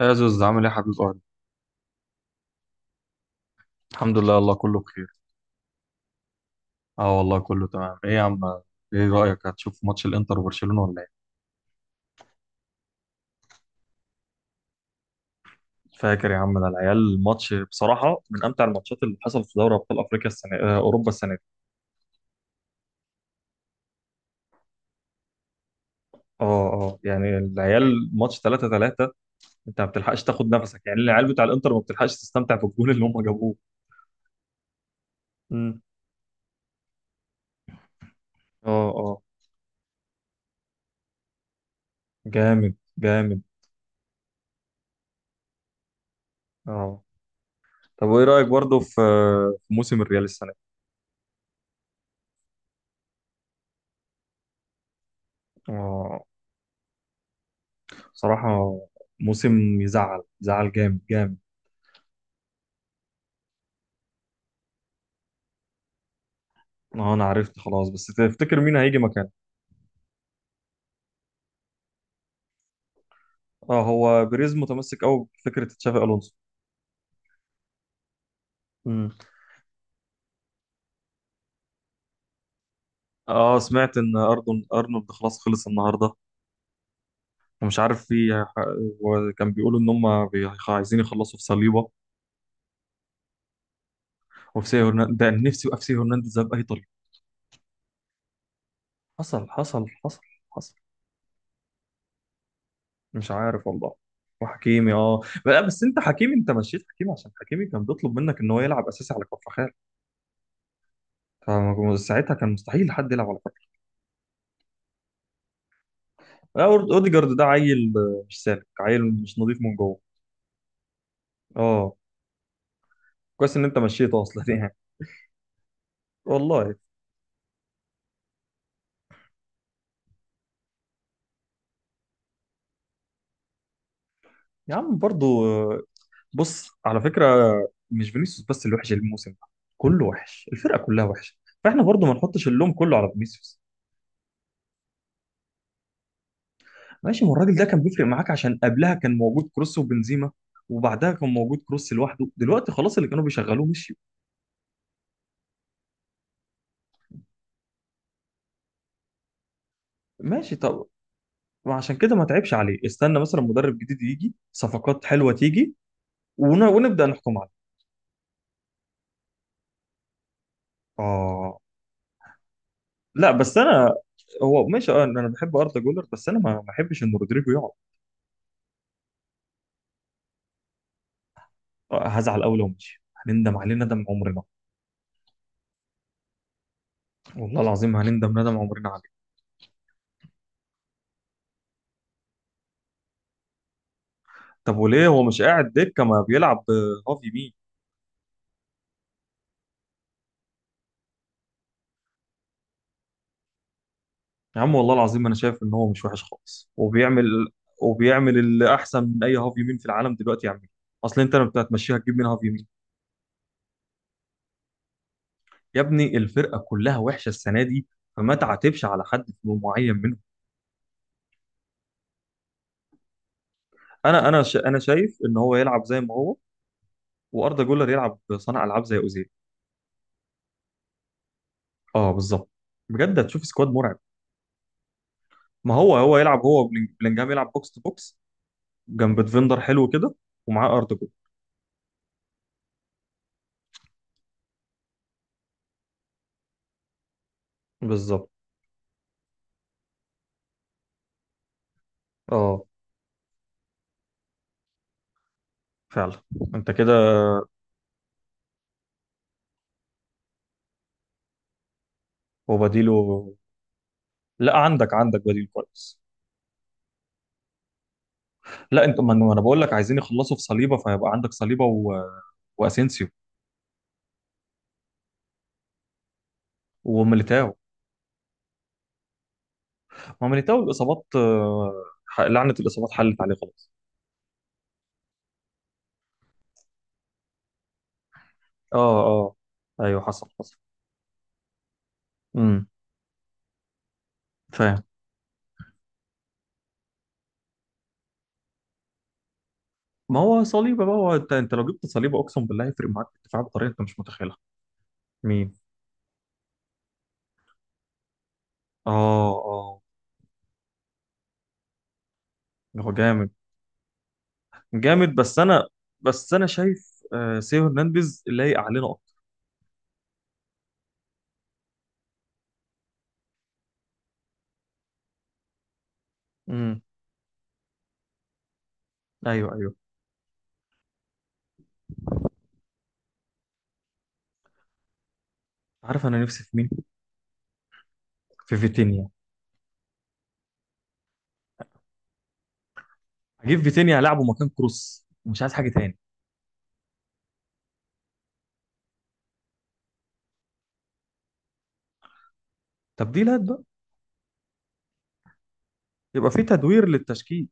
يا زوز، عامل ايه يا حبيب قلبي؟ الحمد لله، والله كله بخير. اه، والله كله تمام. ايه يا عم؟ ايه رأيك، هتشوف ماتش الانتر وبرشلونة ولا ايه؟ فاكر يا عم، ده العيال الماتش بصراحة من امتع الماتشات اللي حصل في دوري ابطال افريقيا السنة، اوروبا السنة دي. اه، اه، يعني العيال ماتش 3-3. انت ما بتلحقش تاخد نفسك، يعني العيال بتاع الانتر ما بتلحقش تستمتع بالجول اللي هم جابوه. امم. اه، اه، جامد جامد. اه، طب وايه رأيك برضه في موسم الريال السنة دي؟ اه، بصراحة موسم يزعل يزعل جامد جامد. اه، انا عرفت خلاص، بس تفتكر مين هيجي مكانه؟ اه، هو بيريز متمسك قوي بفكرة تشافي الونسو. مم. اه، سمعت ان اردن ارنولد خلاص خلص النهارده. ومش عارف في. وكان بيقولوا ان هم عايزين يخلصوا في صليبه. وفي سيو هرنانديز، ده أنا نفسي يبقى في سيو هرنانديز ده باي طريقه. حصل، حصل، حصل. حصل. مش عارف والله. وحكيمي، اه. لا بس انت حكيمي، انت مشيت حكيمي عشان حكيمي كان بيطلب منك ان هو يلعب اساسي على كفر. فساعتها كان مستحيل حد يلعب على فكره. اوديجارد ده عيل، مش سالك، عيل مش نظيف من جوه. اه. كويس ان انت مشيته اصلا يعني. والله. يا عم برضو بص، على فكره. مش فينيسيوس بس اللي وحش الموسم ده. كله وحش، الفرقه كلها وحشه. فاحنا برضو ما نحطش اللوم كله على فينيسيوس. ماشي، ما الراجل ده كان بيفرق معاك عشان قبلها كان موجود كروس وبنزيما. وبعدها كان موجود كروس لوحده، دلوقتي خلاص، اللي كانوا بيشغلوه مشيوا. ماشي، طب. وعشان كده ما تعبش عليه، استنى مثلا مدرب جديد يجي، صفقات حلوه تيجي. ونبدا نحكم عليه. اه، لا بس انا. هو ماشي، اه انا بحب اردا جولر، بس انا ما بحبش ان رودريجو يقعد. هزعل قوي لو مشي، هنندم عليه ندم عمرنا. والله العظيم هنندم ندم عمرنا عليه. طب وليه هو مش قاعد دكه، ما بيلعب هافي مين؟ يا عم والله العظيم انا شايف ان هو مش وحش خالص، وبيعمل. وبيعمل اللي احسن من اي هافي مين في العالم دلوقتي يعمله. اصل انت لما هتمشيها هتجيب مين هافي مين؟ يا ابني الفرقه كلها وحشه السنه دي. فما تعاتبش على حد معين منهم. انا شايف ان هو يلعب زي ما هو. واردا جولر يلعب صانع العاب زي اوزيل. اه، بالظبط. بجد هتشوف سكواد مرعب. ما هو يلعب، بلينجهام يلعب بوكس تو بوكس. جنب ديفندر حلو كده. ومعاه اردا جولر. بالظبط. اه، فعلا. انت كده. وبديله. لا، عندك بديل كويس. لا انت، ما انا ما أنا بقول لك عايزين يخلصوا في صليبه، فيبقى عندك صليبه واسينسيو. وميليتاو. هو ميليتاو الاصابات، لعنه الاصابات حلت عليه خلاص. اه، اه، ايوه، حصل حصل. امم، فاهم. ما هو صليبه بقى، هو انت لو جبت صليبه اقسم بالله هيفرق معاك في الدفاع بطريقه انت مش متخيلها. مين؟ اه، اه، هو جامد. جامد، بس انا. بس انا شايف سيو هرنانديز لايق علينا اكتر. امم. ايوه، ايوه. عارف انا نفسي في مين؟ في فيتينيا. هجيب فيتينيا العبه مكان كروس، مش عايز حاجه تاني. تبديلات بقى. يبقى في تدوير للتشكيل.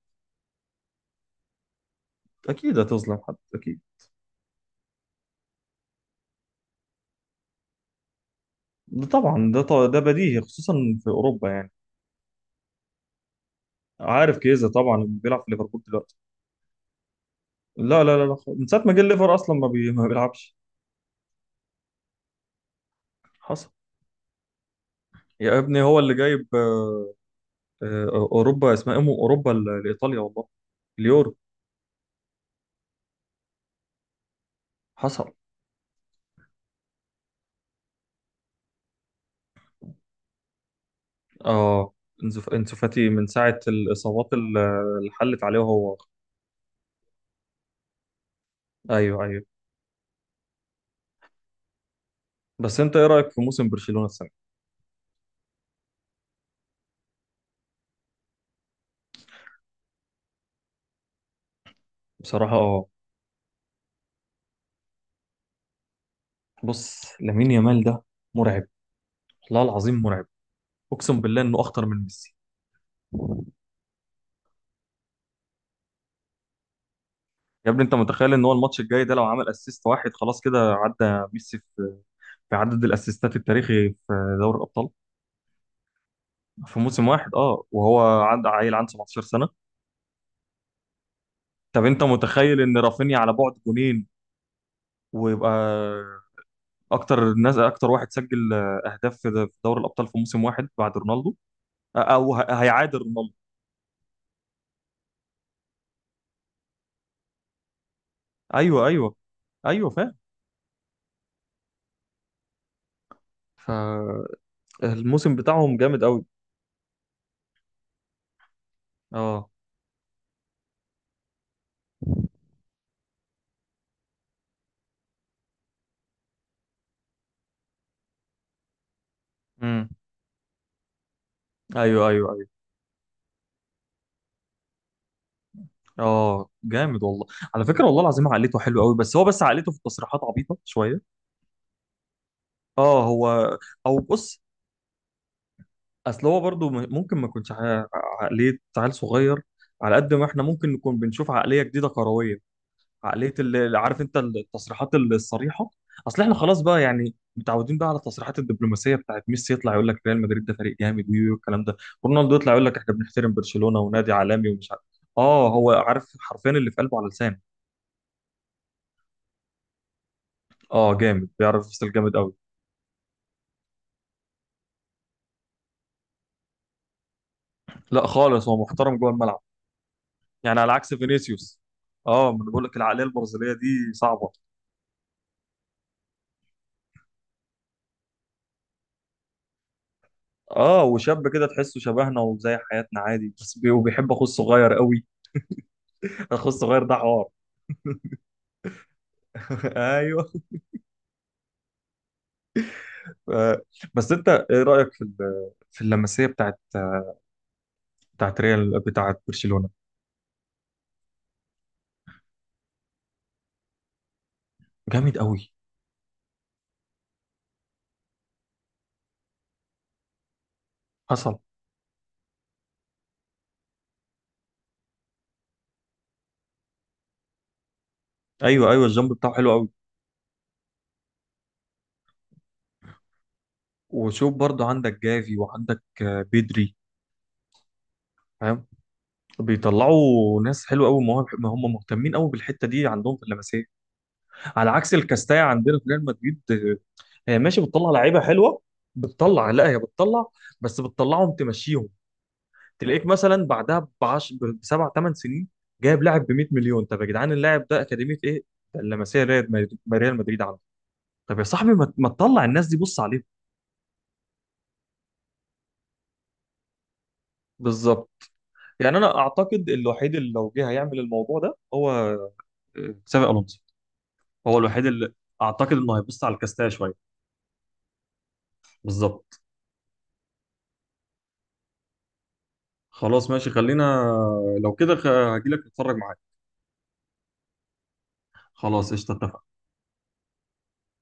اكيد هتظلم حد، اكيد. ده طبعا، ده بديهي، خصوصا في اوروبا يعني. عارف كيزا طبعا، اللي بيلعب في ليفربول دلوقتي. لا، لا، لا، لا، من ساعه ما جه الليفر اصلا ما بيلعبش. حصل. يا ابني هو اللي جايب اوروبا اسمها ايه، اوروبا لايطاليا والله. اليورو. حصل. اه، إنسو فاتي من ساعه الاصابات اللي حلت عليه هو. ايوه، ايوه. بس انت ايه رايك في موسم برشلونه السنه؟ بصراحه، اه. بص، لامين يامال ده مرعب. والله العظيم مرعب. اقسم بالله انه اخطر من ميسي. يا ابني انت متخيل ان هو الماتش الجاي ده لو عمل اسيست واحد خلاص كده عدى ميسي في عدد الاسيستات التاريخي في دوري الابطال في موسم واحد. اه وهو عند، عيل عنده 17 سنه. طب انت متخيل ان رافينيا على بعد جونين، ويبقى اكتر واحد سجل اهداف في دوري الابطال في موسم واحد بعد رونالدو، او هيعادل رونالدو. ايوه، ايوه، ايوه، فاهم. فالموسم بتاعهم جامد قوي. اه. امم. ايوه، ايوه. اه، جامد والله. على فكره والله العظيم عقليته حلوه قوي، بس عقليته في التصريحات عبيطه شويه. اه، هو. او، بص. اصل هو برضو ممكن ما يكونش عقليه عيل صغير. على قد ما احنا ممكن نكون بنشوف عقليه جديده كرويه. عقليه، اللي عارف انت التصريحات الصريحه. اصل احنا خلاص بقى يعني متعودين بقى على التصريحات الدبلوماسيه بتاعت ميسي، يطلع يقول لك ريال مدريد ده فريق جامد ويو الكلام ده. رونالدو يطلع يقول لك احنا بنحترم برشلونه ونادي عالمي ومش عارف. اه، هو عارف حرفيا اللي في قلبه على لسانه. اه، جامد بيعرف يفصل جامد قوي. لا خالص، هو محترم جوه الملعب. يعني على عكس فينيسيوس. اه، ما انا بقول لك العقليه البرازيليه دي صعبه. اه، وشاب كده تحسه شبهنا وزي حياتنا عادي، بس وبيحب اخو الصغير قوي. اخو الصغير ده حوار. ايوه. آه. بس انت ايه رايك في في اللمسيه بتاعت، بتاعت ريال بتاعت برشلونه. جامد قوي. حصل. ايوه، ايوه، الجنب بتاعه حلو قوي. وشوف برضه عندك جافي وعندك بيدري. بيطلعوا ناس حلوه قوي، مواهب، ما هم مهتمين قوي بالحته دي عندهم في اللمسيه. على عكس الكاستايا عندنا في ريال مدريد، هي ماشي بتطلع لعيبه حلوه. بتطلع لا هي بتطلع. بس بتطلعهم تمشيهم. تلاقيك مثلا بعدها بسبع ثمان سنين جايب لاعب ب 100 مليون، طب يا جدعان اللاعب ده اكاديميه ايه؟ ده اللمسيه، ريال مدريد ريال مدريد عنده. طب يا صاحبي ما تطلع الناس دي، بص عليهم. بالظبط. يعني انا اعتقد الوحيد اللي لو جه هيعمل الموضوع ده هو تشافي الونسو. هو الوحيد اللي اعتقد انه هيبص على الكاستية شويه. بالظبط. خلاص، ماشي، خلينا. لو كده هجيلك نتفرج معاك. خلاص قشطه، اتفقنا.